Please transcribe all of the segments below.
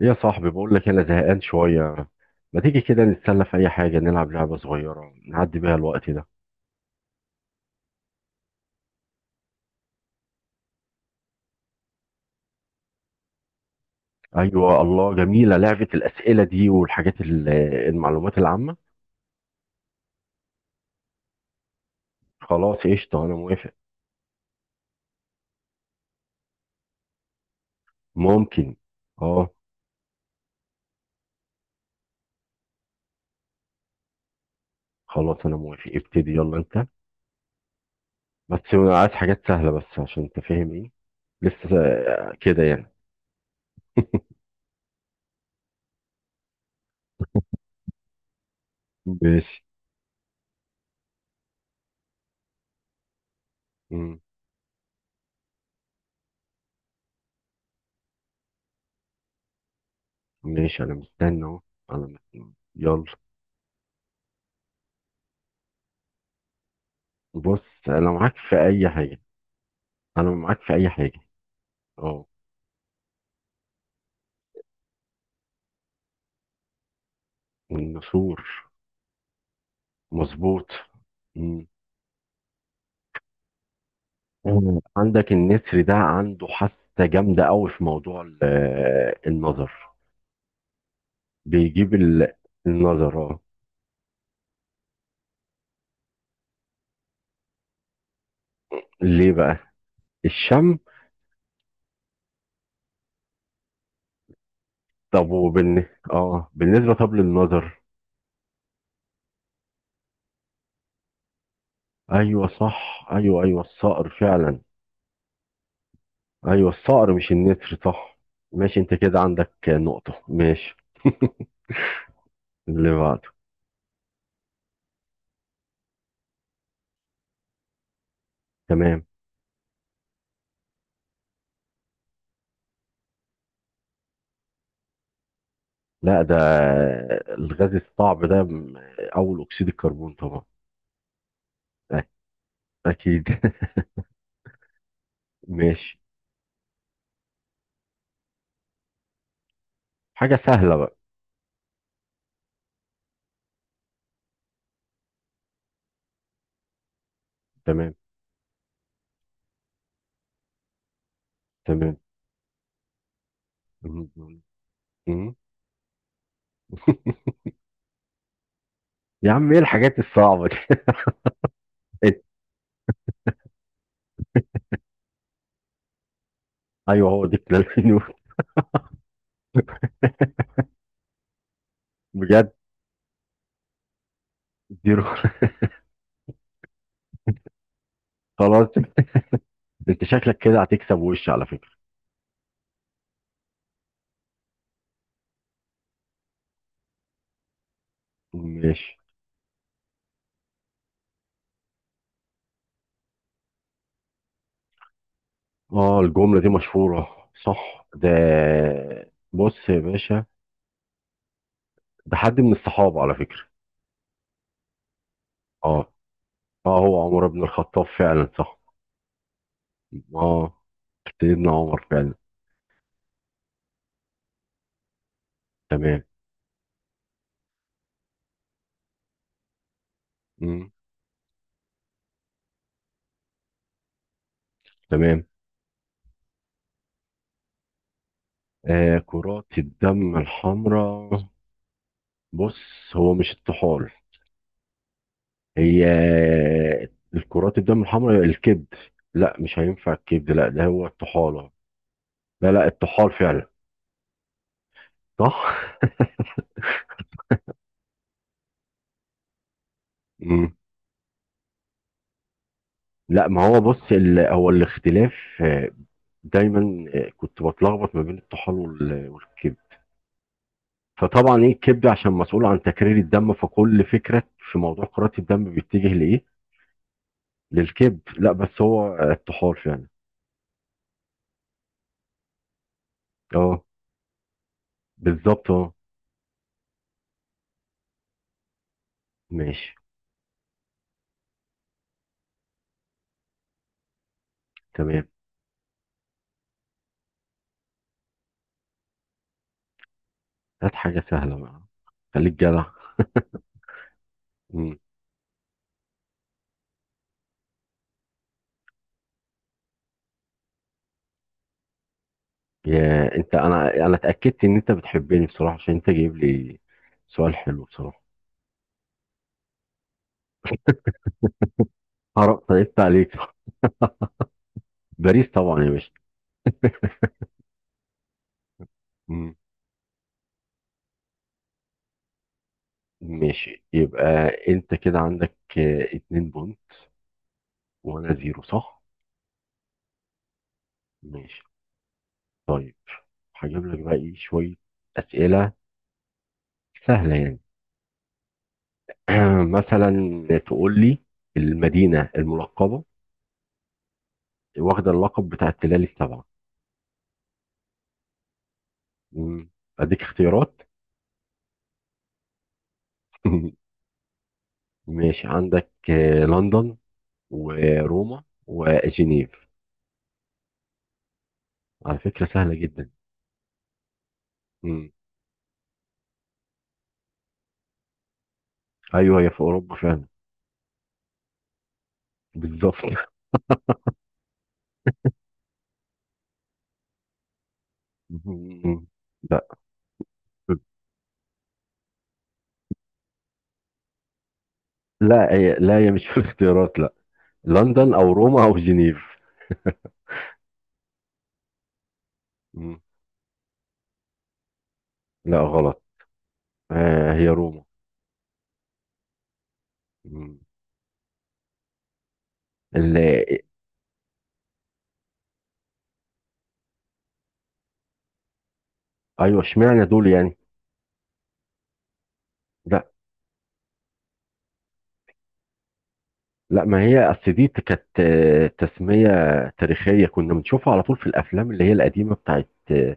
إيه يا صاحبي، بقول لك انا زهقان شويه. ما تيجي كده نتسلى في اي حاجه؟ نلعب لعبه صغيره نعدي بيها الوقت ده. ايوه الله جميله لعبه الاسئله دي والحاجات المعلومات العامه. خلاص قشطه، انا موافق. ممكن. اه. خلاص انا موافق، ابتدي، يلا انت. بس عايز حاجات سهله، بس عشان انت فاهم ايه. لسه كده يعني. ماشي. مم. ماشي، انا مستني اهو. انا مستني، يلا. بص، انا معاك في اي حاجه. انا معاك في اي حاجه. اه. النسور. مظبوط. مم. مم. عندك النسر ده عنده حاسة جامدة قوي في موضوع النظر. بيجيب النظر اه. ليه بقى؟ الشم. طب اه بالنسبة طب للنظر. ايوه صح، ايوه، ايوه، الصقر فعلا. ايوه الصقر مش النسر، صح. ماشي، انت كده عندك نقطة، ماشي. اللي بعده. تمام. لا، ده الغاز الصعب ده، اول اكسيد الكربون طبعا. أكيد. ماشي. حاجة سهلة بقى. تمام. تمام، م- م- يا عم إيه الحاجات الصعبة دي؟ أيوه هو دي بلال النور. بجد. زيرو. خلاص. أنت شكلك كده هتكسب وش على فكرة. ماشي. آه، الجملة دي مشهورة، صح ده. بص يا باشا، ده حد من الصحابة على فكرة. آه. آه، هو عمر بن الخطاب فعلا، صح. آه، سيدنا عمر فعلا. تمام. م- تمام. آه، كرات الدم الحمراء. بص، هو مش الطحال. هي الكرات الدم الحمراء، الكبد. لا، مش هينفع الكبد، لا، ده هو الطحالة. لا، لا، الطحال فعلا. صح. مم. لا، ما هو بص، هو الاختلاف. آه، دايما كنت بتلخبط ما بين الطحال والكبد. فطبعا ايه الكبد عشان مسؤول عن تكرير الدم، فكل فكرة في موضوع كرات الدم بيتجه لايه؟ للكبد. لا، بس هو الطحال فعلا. اه. بالظبط اه. ماشي. تمام. هات حاجة سهلة بقى، خليك جدع. مم. يا انت، انا اتاكدت ان انت بتحبني بصراحه، عشان انت جايب لي سؤال حلو بصراحه. هرب، طيبت عليك. باريس طبعا يا باشا. مم. ماشي، يبقى انت كده عندك اتنين بونت، وانا زيرو، صح. ماشي. طيب، هجيب لك بقى ايه شويه اسئله سهله يعني. مثلا تقول لي المدينه الملقبه، واخده اللقب بتاع التلال السبعه. مم. اديك اختيارات. ماشي، عندك لندن وروما وجنيف. على فكرة سهلة جدا. مم. أيوه هي في أوروبا فعلا. بالظبط. مم. لا، لا، هي، لا، هي مش في الاختيارات، لا. لندن أو روما أو جنيف. مم. لا، غلط. آه، هي روما. مم. ال- أيوه، اشمعنى دول يعني؟ لا، لا، ما هي أصل دي كانت تسمية تاريخية كنا بنشوفها على طول في الأفلام اللي هي القديمة بتاعت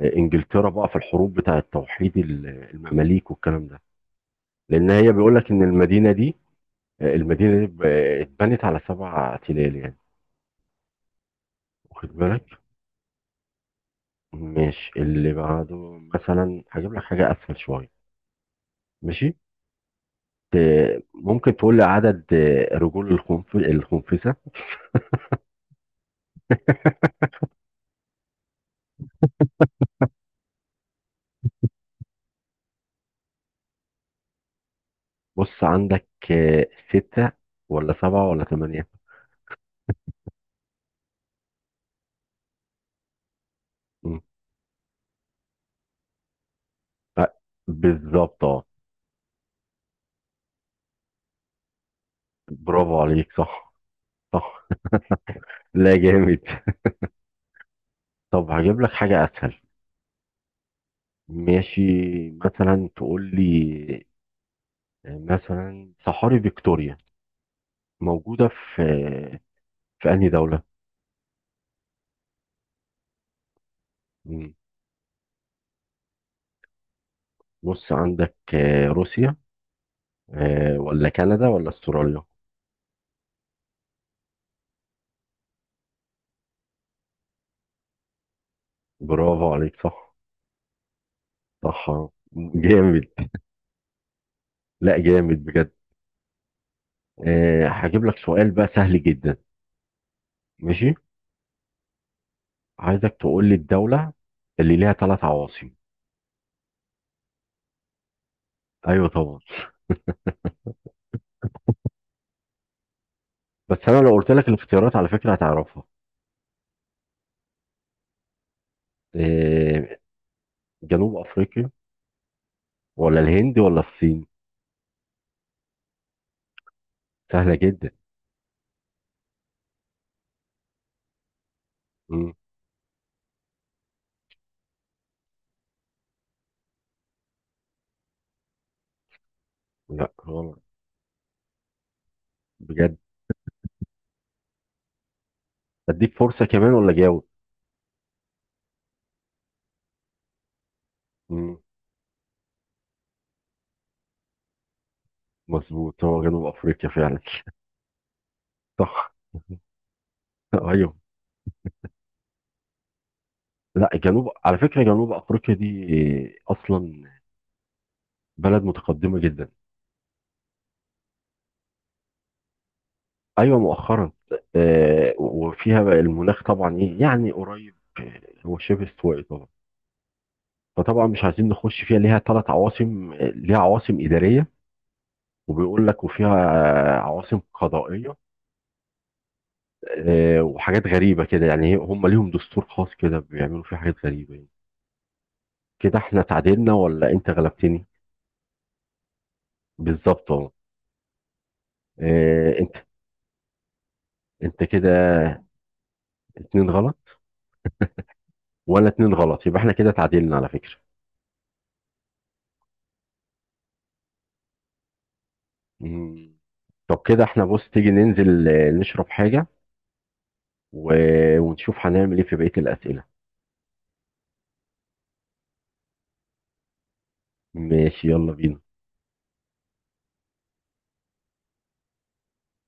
إنجلترا، بقى في الحروب بتاعت توحيد المماليك والكلام ده. لان هي بيقول لك ان المدينه دي، المدينه دي ب- اتبنت على سبع تلال يعني. واخد بالك. مش اللي بعده. مثلا هجيب لك حاجه اسهل شويه. ماشي. ممكن تقول لي عدد رجول الخنفسه؟ بص عندك سته ولا سبعه ولا ثمانيه. مم. آه، بالظبط اه. برافو عليك، صح. صح. لا جامد. طب هجيب لك حاجه اسهل. ماشي. مثلا تقول لي، مثلا، صحاري فيكتوريا موجودة في في أنهي دولة؟ مم. بص عندك روسيا، ولا كندا ولا استراليا. برافو عليك، صح. صح آه. جامد. لا جامد بجد. هجيب لك سؤال بقى سهل جدا. ماشي. عايزك تقول لي الدولة اللي ليها ثلاث عواصم. ايوه طبعا. بس انا لو قلت لك الاختيارات على فكرة هتعرفها. آه، جنوب افريقيا ولا الهند ولا الصين. سهلة جدا. مم. لا، غلط. بجد. اديك فرصة كمان ولا جاوب؟ مظبوط، هو جنوب افريقيا فعلا. صح. ايوه. لا، على فكره، جنوب افريقيا دي اصلا بلد متقدمه جدا. ايوه مؤخرا. وفيها بقى المناخ، طبعا ايه يعني، قريب هو شبه استوائي طبعا. فطبعا مش عايزين نخش فيها، ليها ثلاث عواصم، ليها عواصم اداريه، وبيقول لك وفيها عواصم قضائيه. وحاجات غريبه كده يعني، هم ليهم دستور خاص كده بيعملوا فيه حاجات غريبه يعني. كده احنا تعادلنا ولا انت غلبتني؟ بالظبط. آه، انت انت كده اتنين غلط، وانا اتنين غلط، يبقى احنا كده تعادلنا على فكرة. مم. طب كده احنا، بص تيجي ننزل نشرب حاجة، ونشوف هنعمل ايه في بقية الأسئلة. ماشي، يلا بينا.